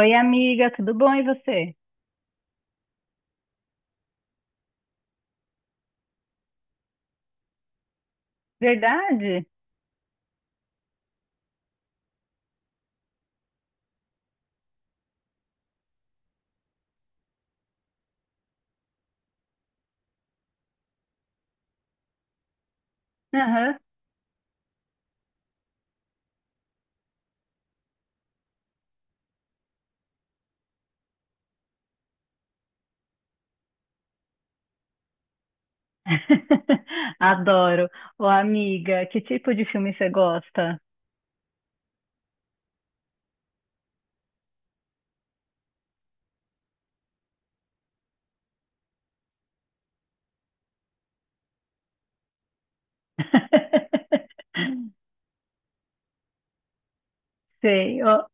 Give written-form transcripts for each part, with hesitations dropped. Oi, amiga, tudo bom e você? Verdade? Aham. Adoro. Ô, amiga, que tipo de filme você gosta? Sei. Ô,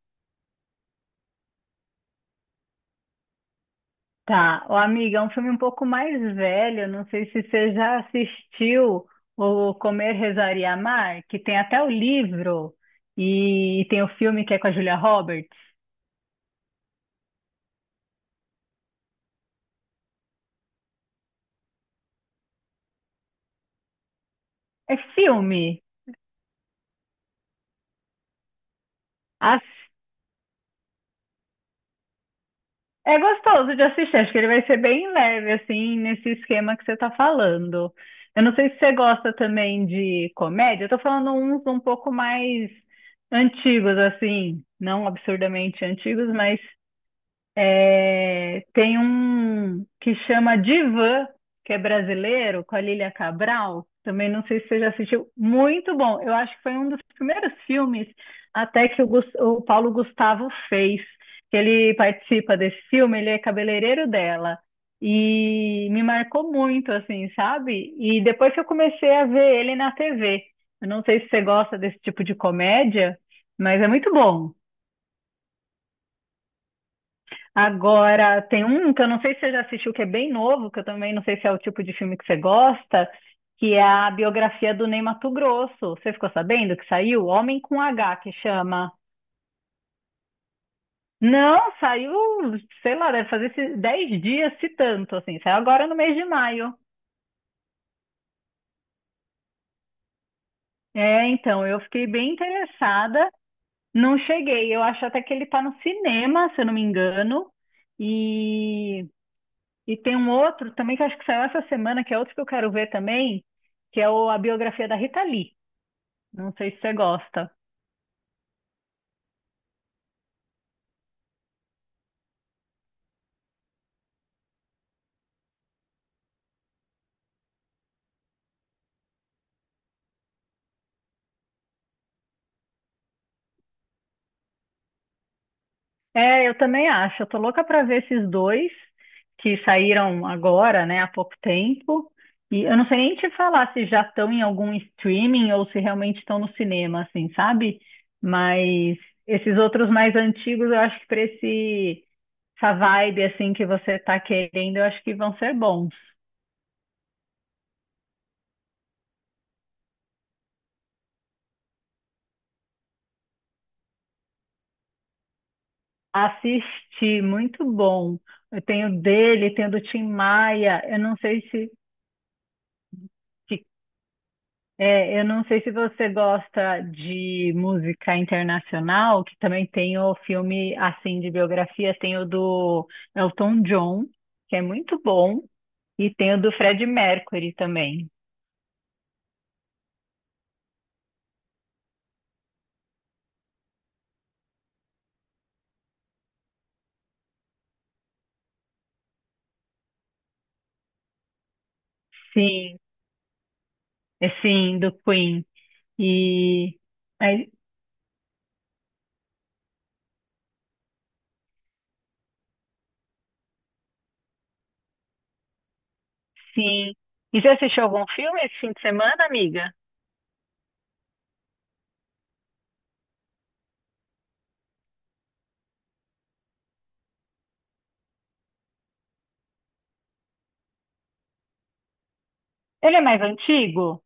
tá. Ô, amiga, é um filme um pouco mais velho, não sei se você já assistiu o Comer, Rezar e Amar, que tem até o livro e tem o filme que é com a Julia Roberts. É filme. É gostoso de assistir, acho que ele vai ser bem leve, assim, nesse esquema que você tá falando. Eu não sei se você gosta também de comédia, eu tô falando uns um pouco mais antigos, assim, não absurdamente antigos, mas é, tem um que chama Divã, que é brasileiro, com a Lília Cabral. Também não sei se você já assistiu. Muito bom. Eu acho que foi um dos primeiros filmes até que o Paulo Gustavo fez. Que ele participa desse filme, ele é cabeleireiro dela. E me marcou muito, assim, sabe? E depois que eu comecei a ver ele na TV. Eu não sei se você gosta desse tipo de comédia, mas é muito bom. Agora, tem um que eu não sei se você já assistiu, que é bem novo, que eu também não sei se é o tipo de filme que você gosta, que é a biografia do Ney Matogrosso. Você ficou sabendo que saiu? Homem com H, que chama. Não, saiu, sei lá, deve fazer esses 10 dias, se tanto, assim. Saiu agora no mês de maio. É, então, eu fiquei bem interessada. Não cheguei. Eu acho até que ele tá no cinema, se eu não me engano. E E tem um outro também que eu acho que saiu essa semana, que é outro que eu quero ver também, que é a biografia da Rita Lee. Não sei se você gosta. É, eu também acho. Eu tô louca pra ver esses dois que saíram agora, né, há pouco tempo. E eu não sei nem te falar se já estão em algum streaming ou se realmente estão no cinema, assim, sabe? Mas esses outros mais antigos, eu acho que pra esse essa vibe assim que você tá querendo, eu acho que vão ser bons. Assisti, muito bom. Eu tenho dele, tenho do Tim Maia. Eu não sei se, que- é, eu não sei se você gosta de música internacional, que também tem o filme assim de biografia, tem o do Elton John, que é muito bom, e tem o do Fred Mercury também. Sim, é sim, do Queen. E aí, sim. E você assistiu algum filme esse fim de semana, amiga? Ele é mais antigo?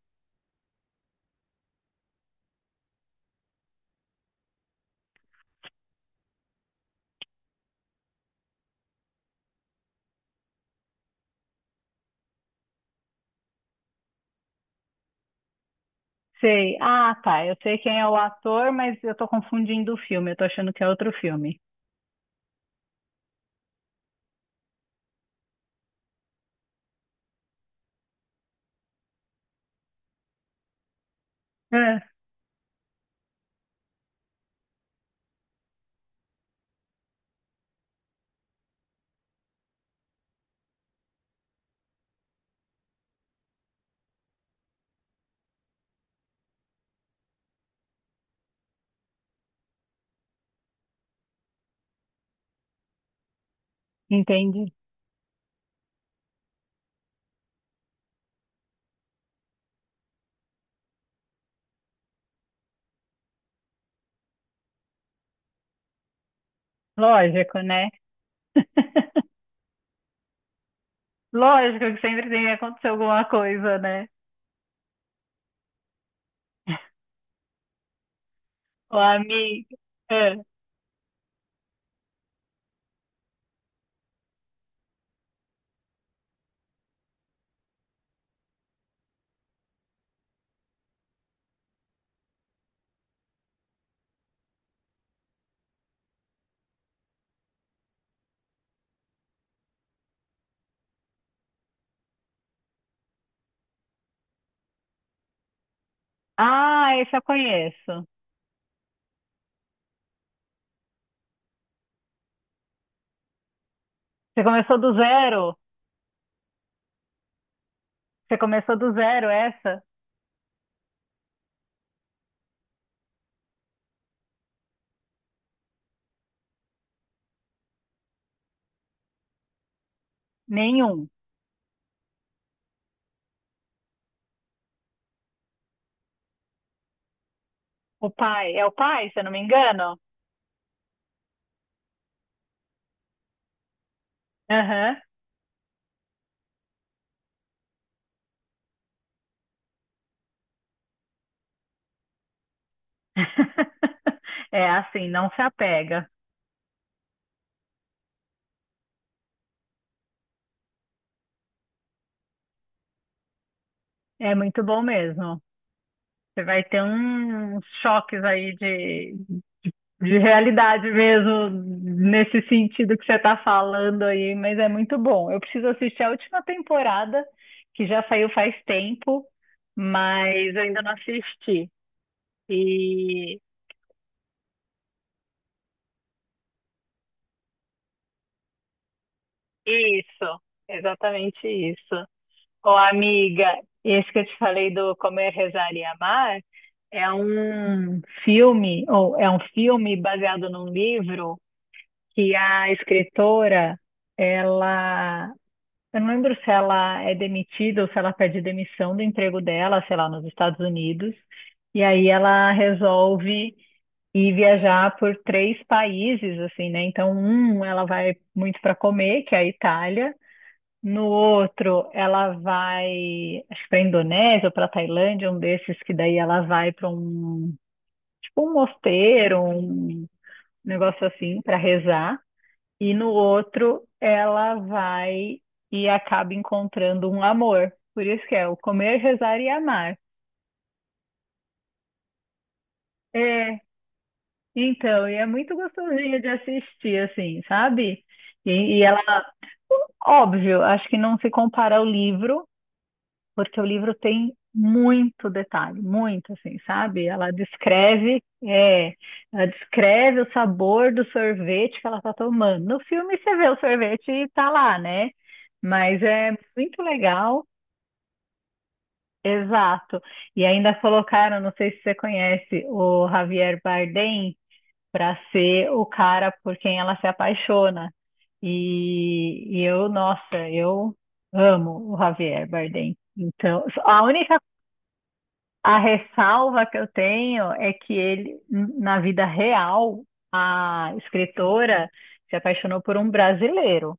Sei. Ah, tá. Eu sei quem é o ator, mas eu tô confundindo o filme. Eu tô achando que é outro filme. Ah, entendi. Lógico, né? Lógico que sempre tem que acontecer alguma coisa, né? O amigo. É. Ah, esse eu conheço. Você começou do zero? Você começou do zero, essa? Nenhum. O pai. É o pai, se eu não me engano? Aham. É assim, não se apega. É muito bom mesmo. Você vai ter uns choques aí de realidade mesmo, nesse sentido que você está falando aí, mas é muito bom. Eu preciso assistir a última temporada, que já saiu faz tempo, mas eu ainda não assisti. E isso, exatamente isso. Ô, amiga, esse que eu te falei do Comer, Rezar e Amar é um filme, ou é um filme baseado num livro que a escritora, ela, eu não lembro se ela é demitida ou se ela pede demissão do emprego dela, sei lá, nos Estados Unidos, e aí ela resolve ir viajar por três países, assim, né? Então, um, ela vai muito para comer, que é a Itália. No outro, ela vai, acho que para Indonésia ou para Tailândia, um desses que daí ela vai para um, tipo um mosteiro, um negócio assim, para rezar. E no outro, ela vai e acaba encontrando um amor. Por isso que é o comer, rezar e amar. É, então, e é muito gostosinho de assistir, assim, sabe? E, e ela, óbvio, acho que não se compara ao livro, porque o livro tem muito detalhe, muito, assim, sabe? Ela descreve, é, ela descreve o sabor do sorvete que ela tá tomando. No filme você vê o sorvete e tá lá, né? Mas é muito legal. Exato. E ainda colocaram, não sei se você conhece, o Javier Bardem para ser o cara por quem ela se apaixona. Nossa, eu amo o Javier Bardem. Então, a ressalva que eu tenho é que ele, na vida real, a escritora se apaixonou por um brasileiro.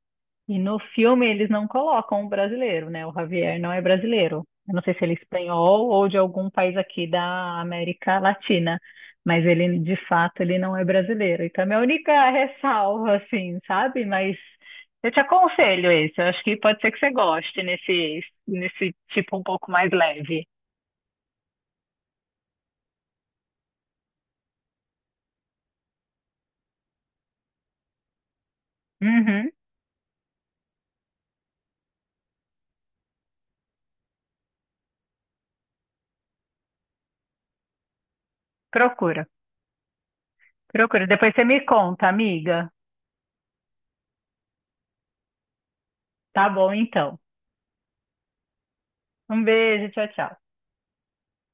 E no filme eles não colocam um brasileiro, né? O Javier não é brasileiro. Eu não sei se ele é espanhol ou de algum país aqui da América Latina, mas ele, de fato, ele não é brasileiro. Então, é a minha única ressalva, assim, sabe? Mas eu te aconselho esse. Eu acho que pode ser que você goste nesse tipo um pouco mais leve. Uhum. Procura, procura. Depois você me conta, amiga. Tá bom, então. Um beijo, tchau, tchau.